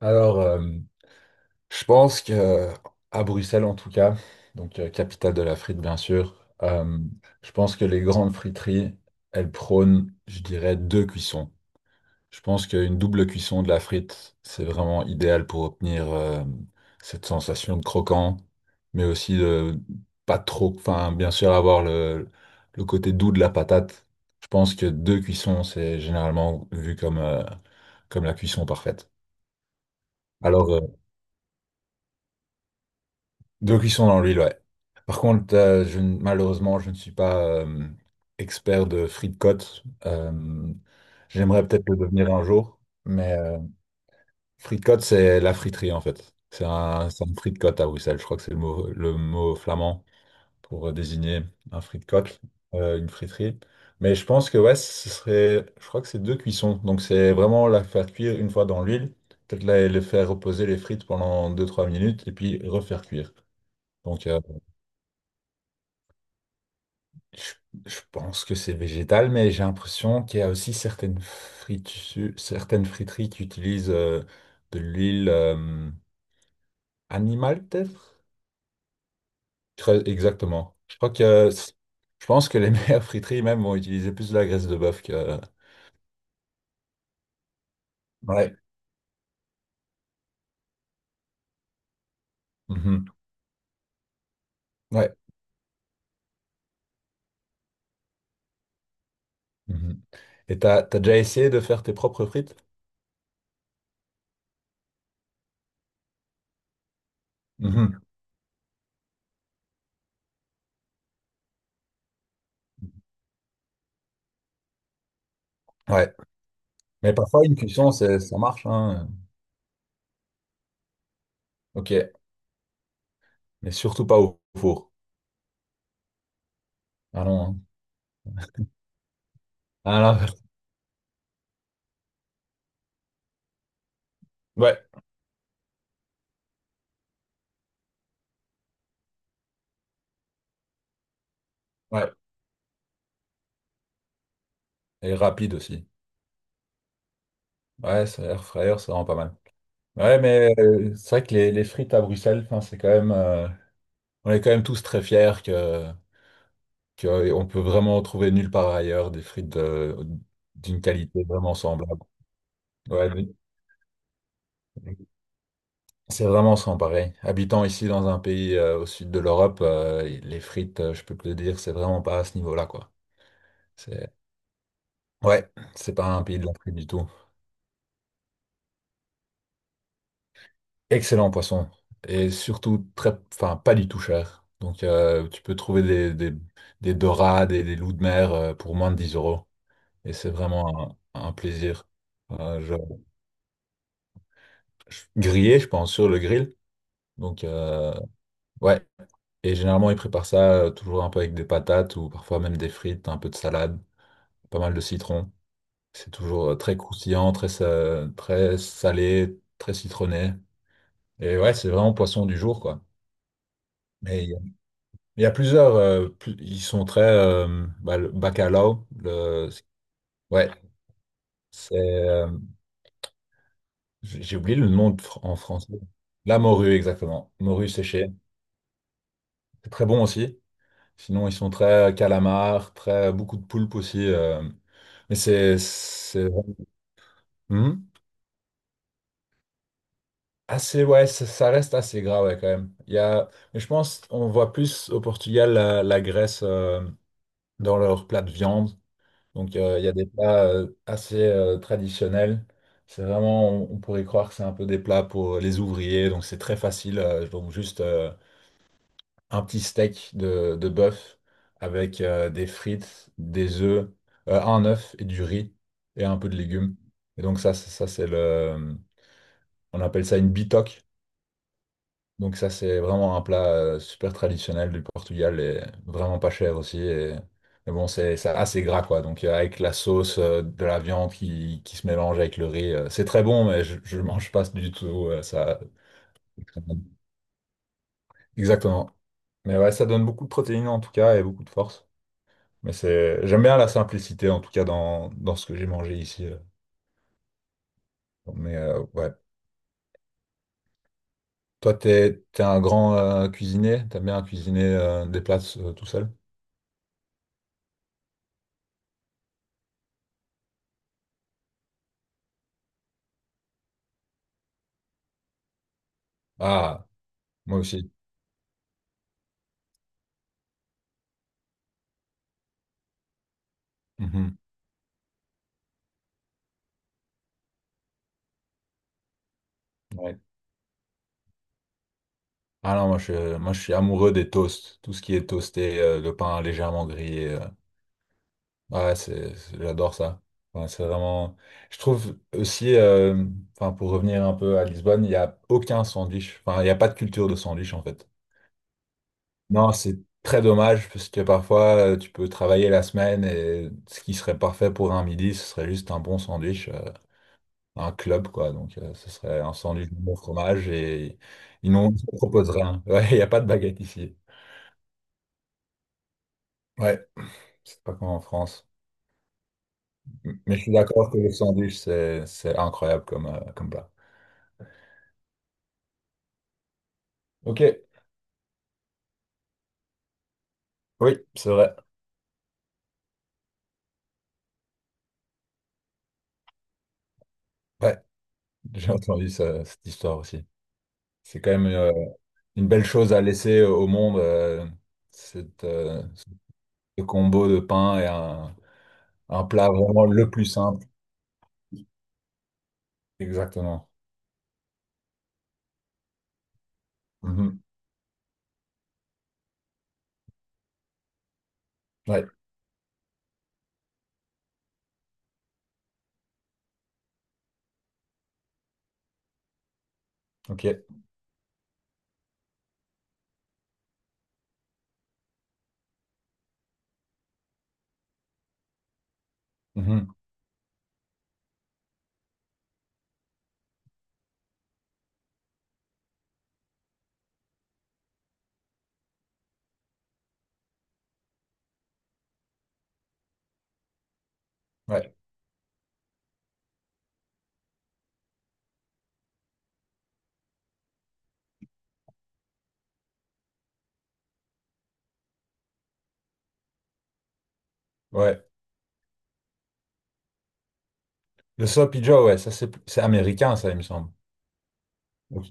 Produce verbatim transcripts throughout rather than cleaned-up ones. Alors, euh, je pense que euh, à Bruxelles en tout cas, donc euh, capitale de la frite bien sûr, euh, je pense que les grandes friteries, elles prônent, je dirais, deux cuissons. Je pense qu'une double cuisson de la frite, c'est vraiment idéal pour obtenir euh, cette sensation de croquant, mais aussi de pas trop, enfin bien sûr avoir le, le côté doux de la patate. Je pense que deux cuissons, c'est généralement vu comme, euh, comme la cuisson parfaite. Alors, euh, deux cuissons dans l'huile, ouais. Par contre, euh, je, ne- malheureusement, je ne suis pas euh, expert de frites-côtes. Euh, j'aimerais peut-être le devenir un jour, mais euh, frites-côtes, c'est la friterie en fait. C'est un, c'est un frite-côte à Bruxelles. Je crois que c'est le mot, le mot flamand pour euh, désigner un frite-côte, euh, une friterie. Mais je pense que ouais, ce serait, je crois que c'est deux cuissons. Donc c'est vraiment la faire cuire une fois dans l'huile, peut-être la, les faire reposer les frites pendant deux-trois minutes et puis refaire cuire. Donc euh, Je je pense que c'est végétal, mais j'ai l'impression qu'il y a aussi certaines fritu- certaines friteries qui utilisent euh, de l'huile euh, animale, peut-être? Je crois- Exactement. Je crois que je pense que les meilleures friteries même vont utiliser plus de la graisse de bœuf que. Ouais. Mhm. Ouais. Mhm. Et t'as, t'as déjà essayé de faire tes propres frites? Mhm. Ouais. Mais parfois une cuisson, c'est- ça marche, hein. Ok. Mais surtout pas au four. Ah non, hein. Ah là. Ouais. Ouais. Et rapide aussi. Ouais, ça, air fryer, c'est vraiment pas mal. Ouais, mais euh, c'est vrai que les, les frites à Bruxelles, enfin, c'est quand même, euh, on est quand même tous très fiers que, que euh, on peut vraiment trouver nulle part ailleurs des frites de- d'une qualité vraiment semblable. Ouais, mais c'est vraiment sans pareil. Habitant ici dans un pays euh, au sud de l'Europe, euh, les frites, euh, je peux te le dire, c'est vraiment pas à ce niveau-là, quoi. C'est, ouais, c'est pas un pays de la frite du tout. Excellent poisson. Et surtout, très, enfin, pas du tout cher. Donc, euh, tu peux trouver des, des, des dorades et des loups de mer euh, pour moins de dix euros. Et c'est vraiment un, un plaisir. Euh, je, je- Grillé, je pense, sur le grill. Donc, euh, ouais. Et généralement, ils préparent ça euh, toujours un peu avec des patates ou parfois même des frites, un peu de salade, pas mal de citron. C'est toujours euh, très croustillant, très, sa- très salé, très citronné. Et ouais, c'est vraiment poisson du jour, quoi. Il y a plusieurs, euh, plus- ils sont très, euh, bah, le bacalao, le, ouais, c'est, euh, j'ai j'ai oublié le nom de fr- en français. La morue, exactement. Morue séchée. C'est très bon aussi. Sinon, ils sont très calamars très, beaucoup de poulpe aussi, euh, mais c'est, c'est, Hmm? Assez, ouais, ça, ça reste assez gras, ouais, quand même. Il y a, mais je pense, on voit plus au Portugal la, la graisse, euh, dans leur plat de viande. Donc, euh, il y a des plats euh, assez euh, traditionnels. C'est vraiment, on, on pourrait croire que c'est un peu des plats pour euh, les ouvriers. Donc, c'est très facile. Euh, donc, juste euh, un petit steak de, de bœuf avec euh, des frites, des œufs, euh, un œuf et du riz et un peu de légumes. Et donc, ça, ça, ça, c'est le. On appelle ça une bitoque. Donc ça, c'est vraiment un plat euh, super traditionnel du Portugal et vraiment pas cher aussi. et- Mais bon, c'est c'est assez gras, quoi. Donc euh, avec la sauce euh, de la viande qui, qui se mélange avec le riz, euh, c'est très bon, mais je, je mange pas du tout euh, ça. Exactement. Mais ouais, ça donne beaucoup de protéines en tout cas et beaucoup de force. Mais c'est, j'aime bien la simplicité en tout cas dans, dans ce que j'ai mangé ici. euh. Mais euh, ouais. Toi, t'es, t'es un grand euh, cuisinier? T'aimes bien cuisiner euh, des plats euh, tout seul? Ah, moi aussi. Ouais. Ah non, moi je, moi je suis amoureux des toasts. Tout ce qui est toasté, euh, le pain légèrement grillé. euh. Ouais, c'est, c'est- j'adore ça. Ouais, c'est vraiment. Je trouve aussi, euh, enfin, pour revenir un peu à Lisbonne, il n'y a aucun sandwich. Enfin, il n'y a pas de culture de sandwich en fait. Non, c'est très dommage parce que parfois euh, tu peux travailler la semaine et ce qui serait parfait pour un midi, ce serait juste un bon sandwich, euh, un club quoi. Donc euh, ce serait un sandwich de bon fromage et ils n'ont, ils ne proposent rien. Ouais, il n'y a pas de baguette ici. Ouais. C'est pas comme en France. Mais je suis d'accord que le sandwich, c'est c'est incroyable comme, euh, comme plat. Ok, oui, c'est vrai. Ouais, j'ai entendu ça- cette histoire aussi. C'est quand même euh, une belle chose à laisser au monde, euh, cette, euh, ce combo de pain et un, un plat vraiment le plus simple. Exactement. Mhm. Ouais, ok. Mhm. Ouais, ouais. Le sloppy Joe, ouais, ça c'est c'est américain, ça, il me semble. Ok.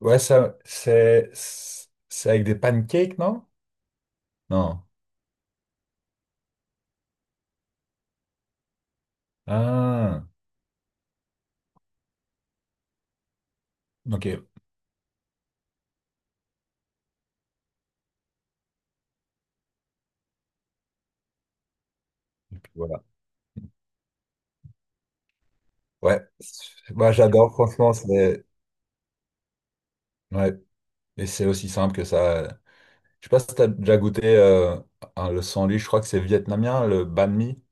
Ouais, ça, c'est c'est avec des pancakes, non? Non. Ah, ok. Voilà. Ouais. Moi, j'adore, franchement, c'est. Ouais. Et c'est aussi simple que ça. Je sais pas si t'as déjà goûté euh, un- le sandwich, je crois que c'est vietnamien, le banh mi.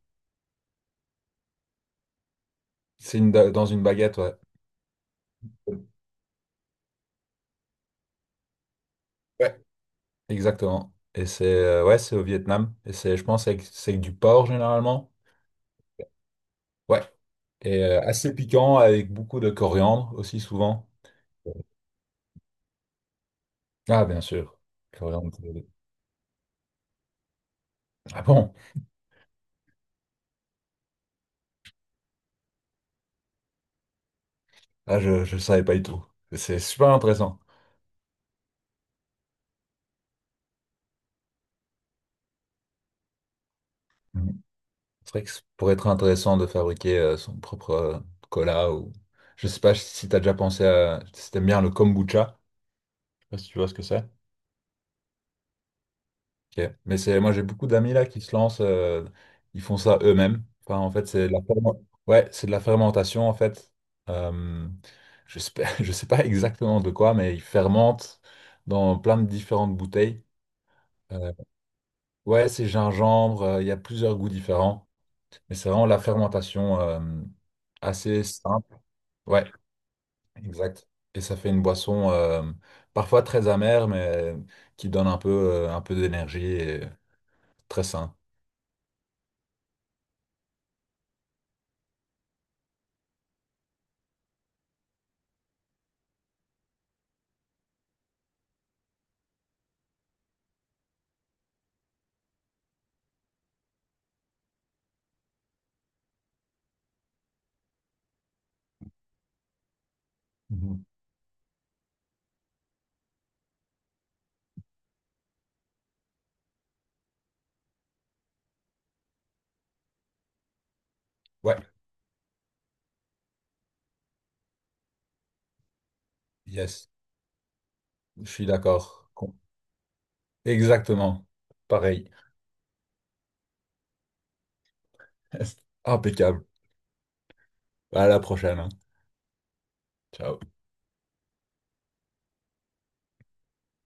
C'est une, dans une baguette, ouais. Ouais. Exactement. Et c'est euh, Ouais, c'est au Vietnam. Et c'est, je pense, avec- c'est avec du porc généralement. Ouais. Et euh, assez piquant avec beaucoup de coriandre aussi souvent. Ah, bien sûr. Coriandre. Ah bon? Ah, je ne savais pas du tout. C'est super intéressant. C'est vrai que ça pourrait être intéressant de fabriquer euh, son propre euh, cola ou je sais pas si t'as déjà pensé à si t'aimes bien le kombucha, je sais pas si tu vois ce que c'est. Ok. Mais c'est moi j'ai beaucoup d'amis là qui se lancent, euh, ils font ça eux-mêmes. Enfin, en fait, c'est de la ferme- ouais, c'est de la fermentation en fait. Euh, je sais pas, je sais pas exactement de quoi mais ils fermentent dans plein de différentes bouteilles. Euh, ouais, c'est gingembre, euh, il y a plusieurs goûts différents. Mais c'est vraiment la fermentation euh, assez simple. Ouais. Exact. Et ça fait une boisson euh, parfois très amère, mais qui donne un peu, euh, un peu d'énergie et très sain. Mhm. Ouais, yes, je suis d'accord. Con- Exactement. Pareil. Impeccable. À la prochaine, hein. Ciao.